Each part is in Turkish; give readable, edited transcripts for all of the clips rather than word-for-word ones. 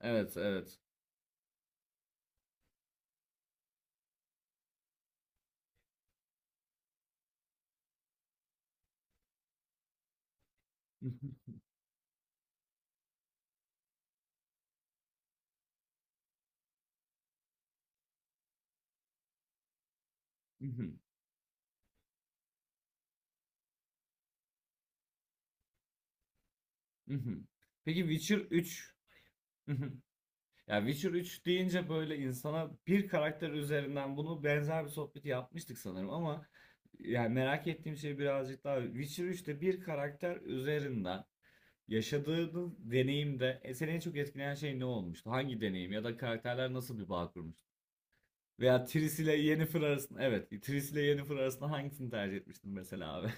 Evet, evet. Peki Witcher 3. Ya Witcher 3 deyince böyle insana bir karakter üzerinden bunu benzer bir sohbeti yapmıştık sanırım ama yani merak ettiğim şey birazcık daha Witcher 3'te bir karakter üzerinden yaşadığınız deneyimde seni en çok etkileyen şey ne olmuştu? Hangi deneyim ya da karakterler nasıl bir bağ kurmuştu? Veya Triss ile Yennefer arasında hangisini tercih etmiştin mesela abi?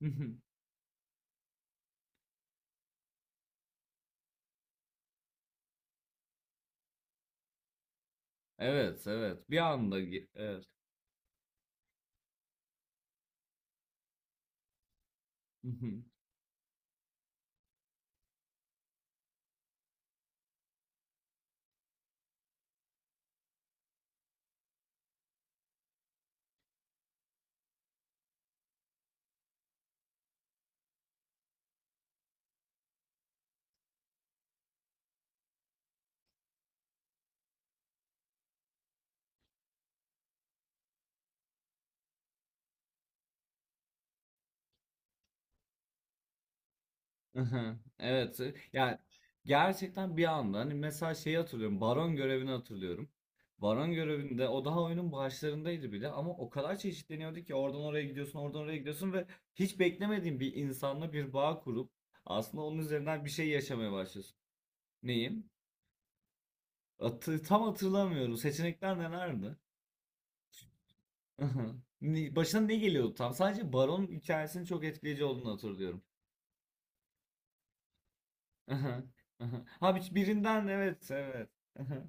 Evet, evet. Bir anda evet. Hı hı. Evet. Yani gerçekten bir anda hani mesela şeyi hatırlıyorum. Baron görevini hatırlıyorum. Baron görevinde o daha oyunun başlarındaydı bile ama o kadar çeşitleniyordu ki oradan oraya gidiyorsun, oradan oraya gidiyorsun ve hiç beklemediğin bir insanla bir bağ kurup aslında onun üzerinden bir şey yaşamaya başlıyorsun. Neyim? Tam hatırlamıyorum. Seçenekler nelerdi? Hı hı. Başına ne geliyordu tam? Sadece Baron hikayesinin çok etkileyici olduğunu hatırlıyorum. Aha, aha. Ha, birinden, evet, evet. Aha.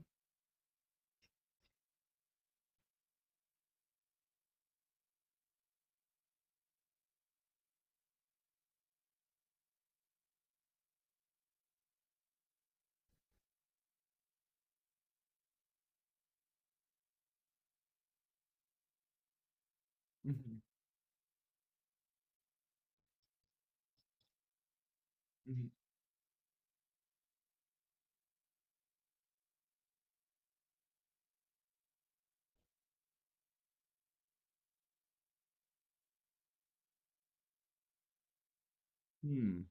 Hmm.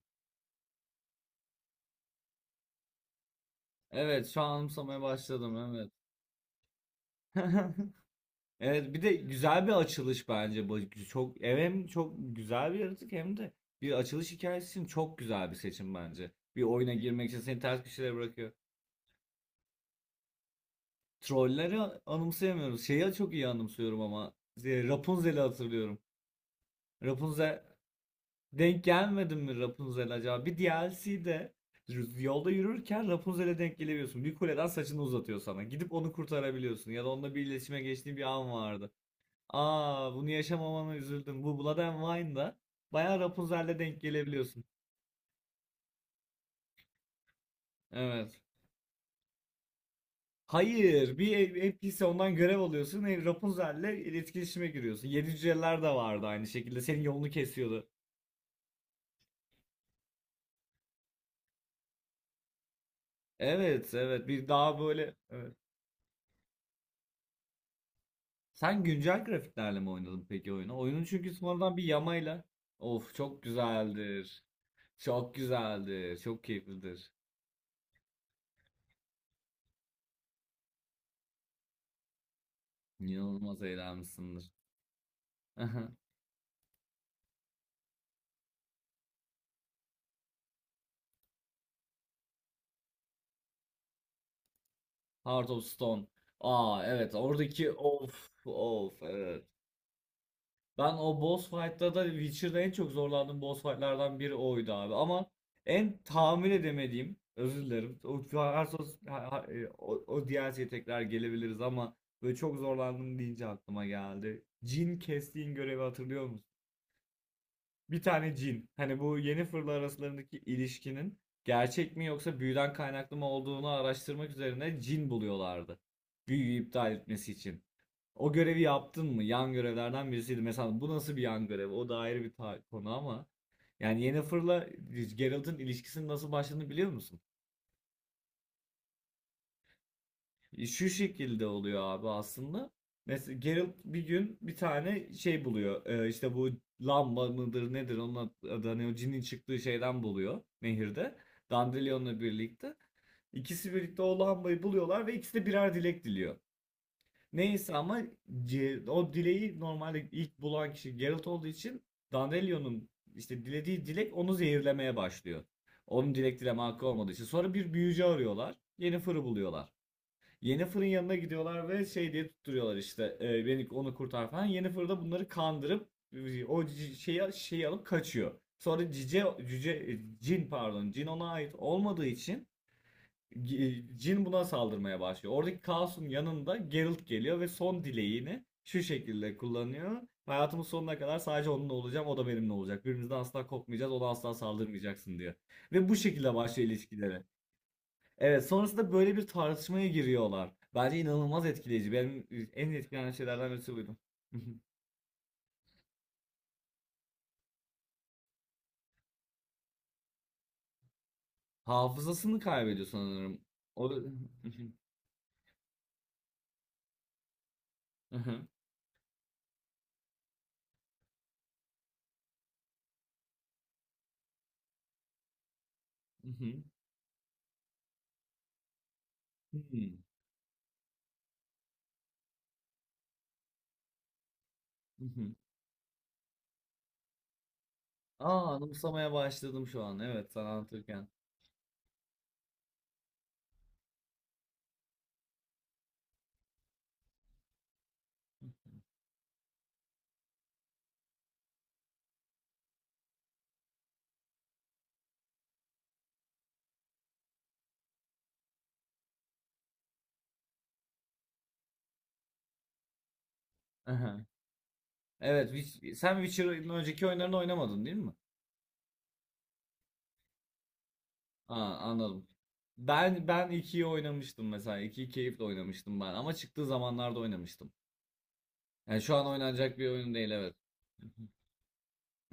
Evet, şu an anımsamaya başladım, evet. Evet, bir de güzel bir açılış bence bu. Çok hem çok güzel bir yaratık hem de bir açılış hikayesi için çok güzel bir seçim bence. Bir oyuna girmek için seni ters köşelere bırakıyor. Trolleri anımsayamıyoruz. Şeyi çok iyi anımsıyorum ama. Rapunzel'i hatırlıyorum. Rapunzel Denk gelmedin mi Rapunzel acaba? Bir DLC'de yolda yürürken Rapunzel'e denk gelebiliyorsun. Bir kuleden saçını uzatıyor sana. Gidip onu kurtarabiliyorsun. Ya da onunla bir iletişime geçtiğin bir an vardı. Aa, bunu yaşamamana üzüldüm. Bu Blood and Wine'da bayağı Rapunzel'le denk gelebiliyorsun. Evet. Hayır, bir NPC ondan görev alıyorsun. Rapunzel'le iletişime giriyorsun. Yedi cüceler de vardı aynı şekilde. Senin yolunu kesiyordu. Evet, evet. Bir daha böyle, evet. Sen güncel grafiklerle mi oynadın peki oyunu? Oyunun çünkü sonradan bir yamayla. Of, çok güzeldir. Çok güzeldir. Çok keyiflidir. İnanılmaz eğlenmişsindir. Heart of Stone. Aa evet, oradaki of of, evet. Ben o boss fight'ta da Witcher'da en çok zorlandığım boss fight'lardan biri oydu abi. Ama en tahmin edemediğim, özür dilerim. O, Hearthstone- ha- ha- e, o, o DLC'ye tekrar gelebiliriz ama böyle çok zorlandım deyince aklıma geldi. Cin kestiğin görevi hatırlıyor musun? Bir tane cin. Hani bu yeni fırla arasındaki ilişkinin gerçek mi yoksa büyüden kaynaklı mı olduğunu araştırmak üzerine cin buluyorlardı. Büyüyü iptal etmesi için. O görevi yaptın mı? Yan görevlerden birisiydi. Mesela bu nasıl bir yan görev? O da ayrı bir konu ama. Yani Yennefer'la Geralt'ın ilişkisinin nasıl başladığını biliyor musun? Şu şekilde oluyor abi aslında. Mesela Geralt bir gün bir tane şey buluyor. İşte bu lamba mıdır nedir onun adı hani o cinin çıktığı şeyden buluyor nehirde. Dandelion'la birlikte. İkisi birlikte o lambayı buluyorlar ve ikisi de birer dilek diliyor. Neyse ama o dileği normalde ilk bulan kişi Geralt olduğu için Dandelion'un işte dilediği dilek onu zehirlemeye başlıyor. Onun dilek dileme hakkı olmadığı için. Sonra bir büyücü arıyorlar. Yennefer'ı buluyorlar. Yennefer'ın yanına gidiyorlar ve şey diye tutturuyorlar işte, beni onu kurtar falan. Yennefer da bunları kandırıp o şeyi alıp kaçıyor. Sonra cüce, cin, pardon, cin ona ait olmadığı için Jin buna saldırmaya başlıyor. Oradaki kaosun yanında Geralt geliyor ve son dileğini şu şekilde kullanıyor. Hayatımın sonuna kadar sadece onunla olacağım, o da benimle olacak. Birbirimizden asla kopmayacağız, ona asla saldırmayacaksın diyor. Ve bu şekilde başlıyor ilişkileri. Evet, sonrasında böyle bir tartışmaya giriyorlar. Bence inanılmaz etkileyici. Benim en etkileyen şeylerden birisi buydu. Hafızasını kaybediyor sanırım. O. Aa, anımsamaya başladım şu an. Evet, sen anlatırken. Aha. Evet, sen Witcher'ın önceki oyunlarını oynamadın değil mi? Aa, anladım. Ben ikiyi oynamıştım mesela. İkiyi keyifle oynamıştım ben ama çıktığı zamanlarda oynamıştım. Yani şu an oynanacak bir oyun değil, evet.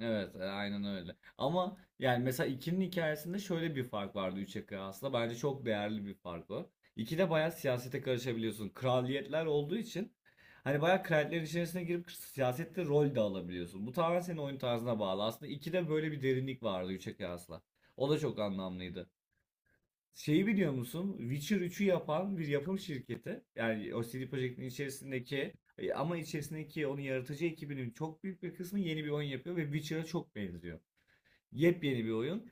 Evet, aynen öyle. Ama yani mesela iki'nin hikayesinde şöyle bir fark vardı 3'e kıyasla. Bence çok değerli bir fark o. 2'de bayağı siyasete karışabiliyorsun. Kraliyetler olduğu için hani bayağı kraliyetlerin içerisine girip siyasette rol de alabiliyorsun. Bu tamamen senin oyun tarzına bağlı. Aslında 2'de böyle bir derinlik vardı 3'e kıyasla. O da çok anlamlıydı. Şeyi biliyor musun? Witcher 3'ü yapan bir yapım şirketi. Yani o CD Projekt'in içerisindeki, ama içerisindeki onun yaratıcı ekibinin çok büyük bir kısmı yeni bir oyun yapıyor ve Witcher'a çok benziyor. Yepyeni bir oyun.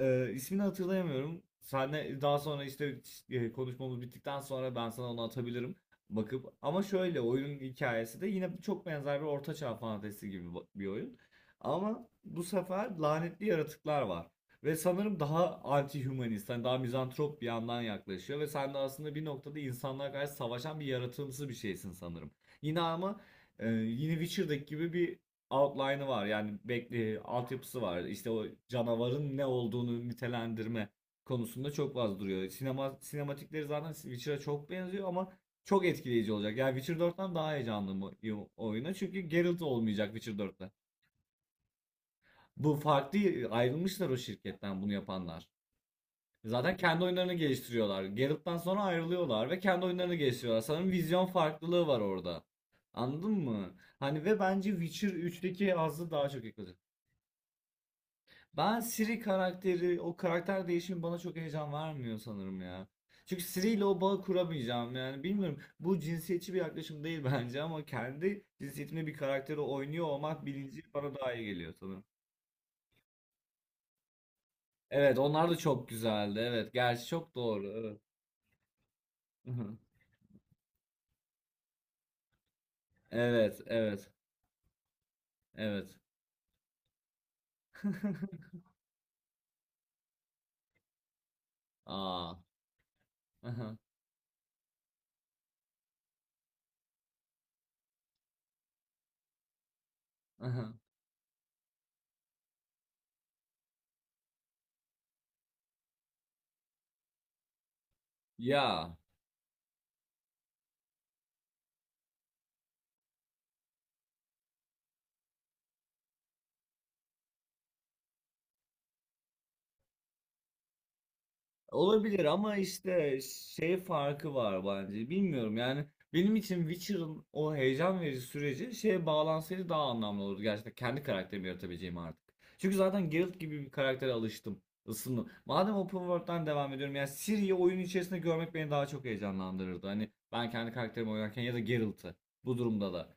İsmini hatırlayamıyorum. Senle daha sonra işte, konuşmamız bittikten sonra ben sana onu atabilirim bakıp. Ama şöyle, oyunun hikayesi de yine çok benzer bir ortaçağ fantezisi gibi bir oyun. Ama bu sefer lanetli yaratıklar var. Ve sanırım daha anti-humanist, hani daha mizantrop bir yandan yaklaşıyor. Ve sen de aslında bir noktada insanlara karşı savaşan bir yaratımsı bir şeysin sanırım. Yine ama, yine Witcher'daki gibi bir outline'ı var, yani bekle, altyapısı var. İşte o canavarın ne olduğunu nitelendirme konusunda çok fazla duruyor. Sinema, sinematikleri zaten Witcher'a çok benziyor ama çok etkileyici olacak. Yani Witcher 4'ten daha heyecanlı oyuna, çünkü Geralt olmayacak Witcher 4'te. Bu farklı, ayrılmışlar o şirketten bunu yapanlar. Zaten kendi oyunlarını geliştiriyorlar. Geralt'tan sonra ayrılıyorlar ve kendi oyunlarını geliştiriyorlar. Sanırım vizyon farklılığı var orada. Anladın mı? Hani ve bence Witcher 3'teki hazzı daha çok yakaladı. Ben Siri karakteri, o karakter değişimi bana çok heyecan vermiyor sanırım ya. Çünkü Siri ile o bağı kuramayacağım yani bilmiyorum. Bu cinsiyetçi bir yaklaşım değil bence, ama kendi cinsiyetimde bir karakteri oynuyor olmak bilinci bana daha iyi geliyor sanırım. Evet, onlar da çok güzeldi. Evet, gerçi çok doğru. Evet. Evet, evet, evet. Aa. Aha, aha. Ya. Olabilir ama işte şey farkı var bence. Bilmiyorum yani, benim için Witcher'ın o heyecan verici süreci şeye bağlansaydı daha anlamlı olurdu. Gerçekten kendi karakterimi yaratabileceğim artık. Çünkü zaten Geralt gibi bir karaktere alıştım, ısındım. Madem open world'dan devam ediyorum, yani Ciri'yi oyun içerisinde görmek beni daha çok heyecanlandırırdı. Hani ben kendi karakterimi oynarken ya da Geralt'ı bu durumda da.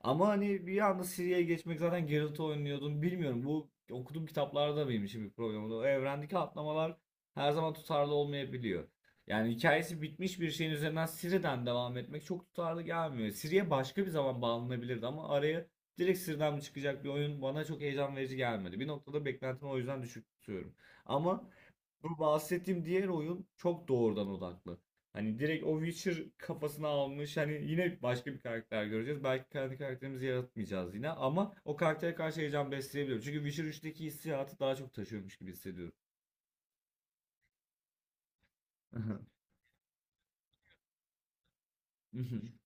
Ama hani bir anda Siri'ye geçmek, zaten Geralt oynuyordun. Bilmiyorum, bu okuduğum kitaplarda benim için bir problem oldu. O evrendeki atlamalar her zaman tutarlı olmayabiliyor. Yani hikayesi bitmiş bir şeyin üzerinden Siri'den devam etmek çok tutarlı gelmiyor. Siri'ye başka bir zaman bağlanabilirdi, ama araya direkt Siri'den mi çıkacak bir oyun bana çok heyecan verici gelmedi. Bir noktada beklentimi o yüzden düşük tutuyorum. Ama bu bahsettiğim diğer oyun çok doğrudan odaklı. Hani direkt o Witcher kafasına almış. Hani yine başka bir karakter göreceğiz. Belki kendi karakterimizi yaratmayacağız yine, ama o karaktere karşı heyecan besleyebiliyorum. Çünkü Witcher 3'teki hissiyatı daha çok taşıyormuş gibi hissediyorum.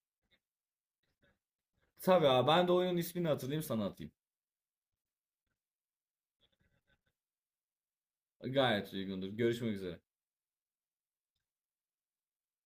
Tabii abi, ben de oyunun ismini hatırlayayım sana atayım. Gayet uygundur. Görüşmek üzere.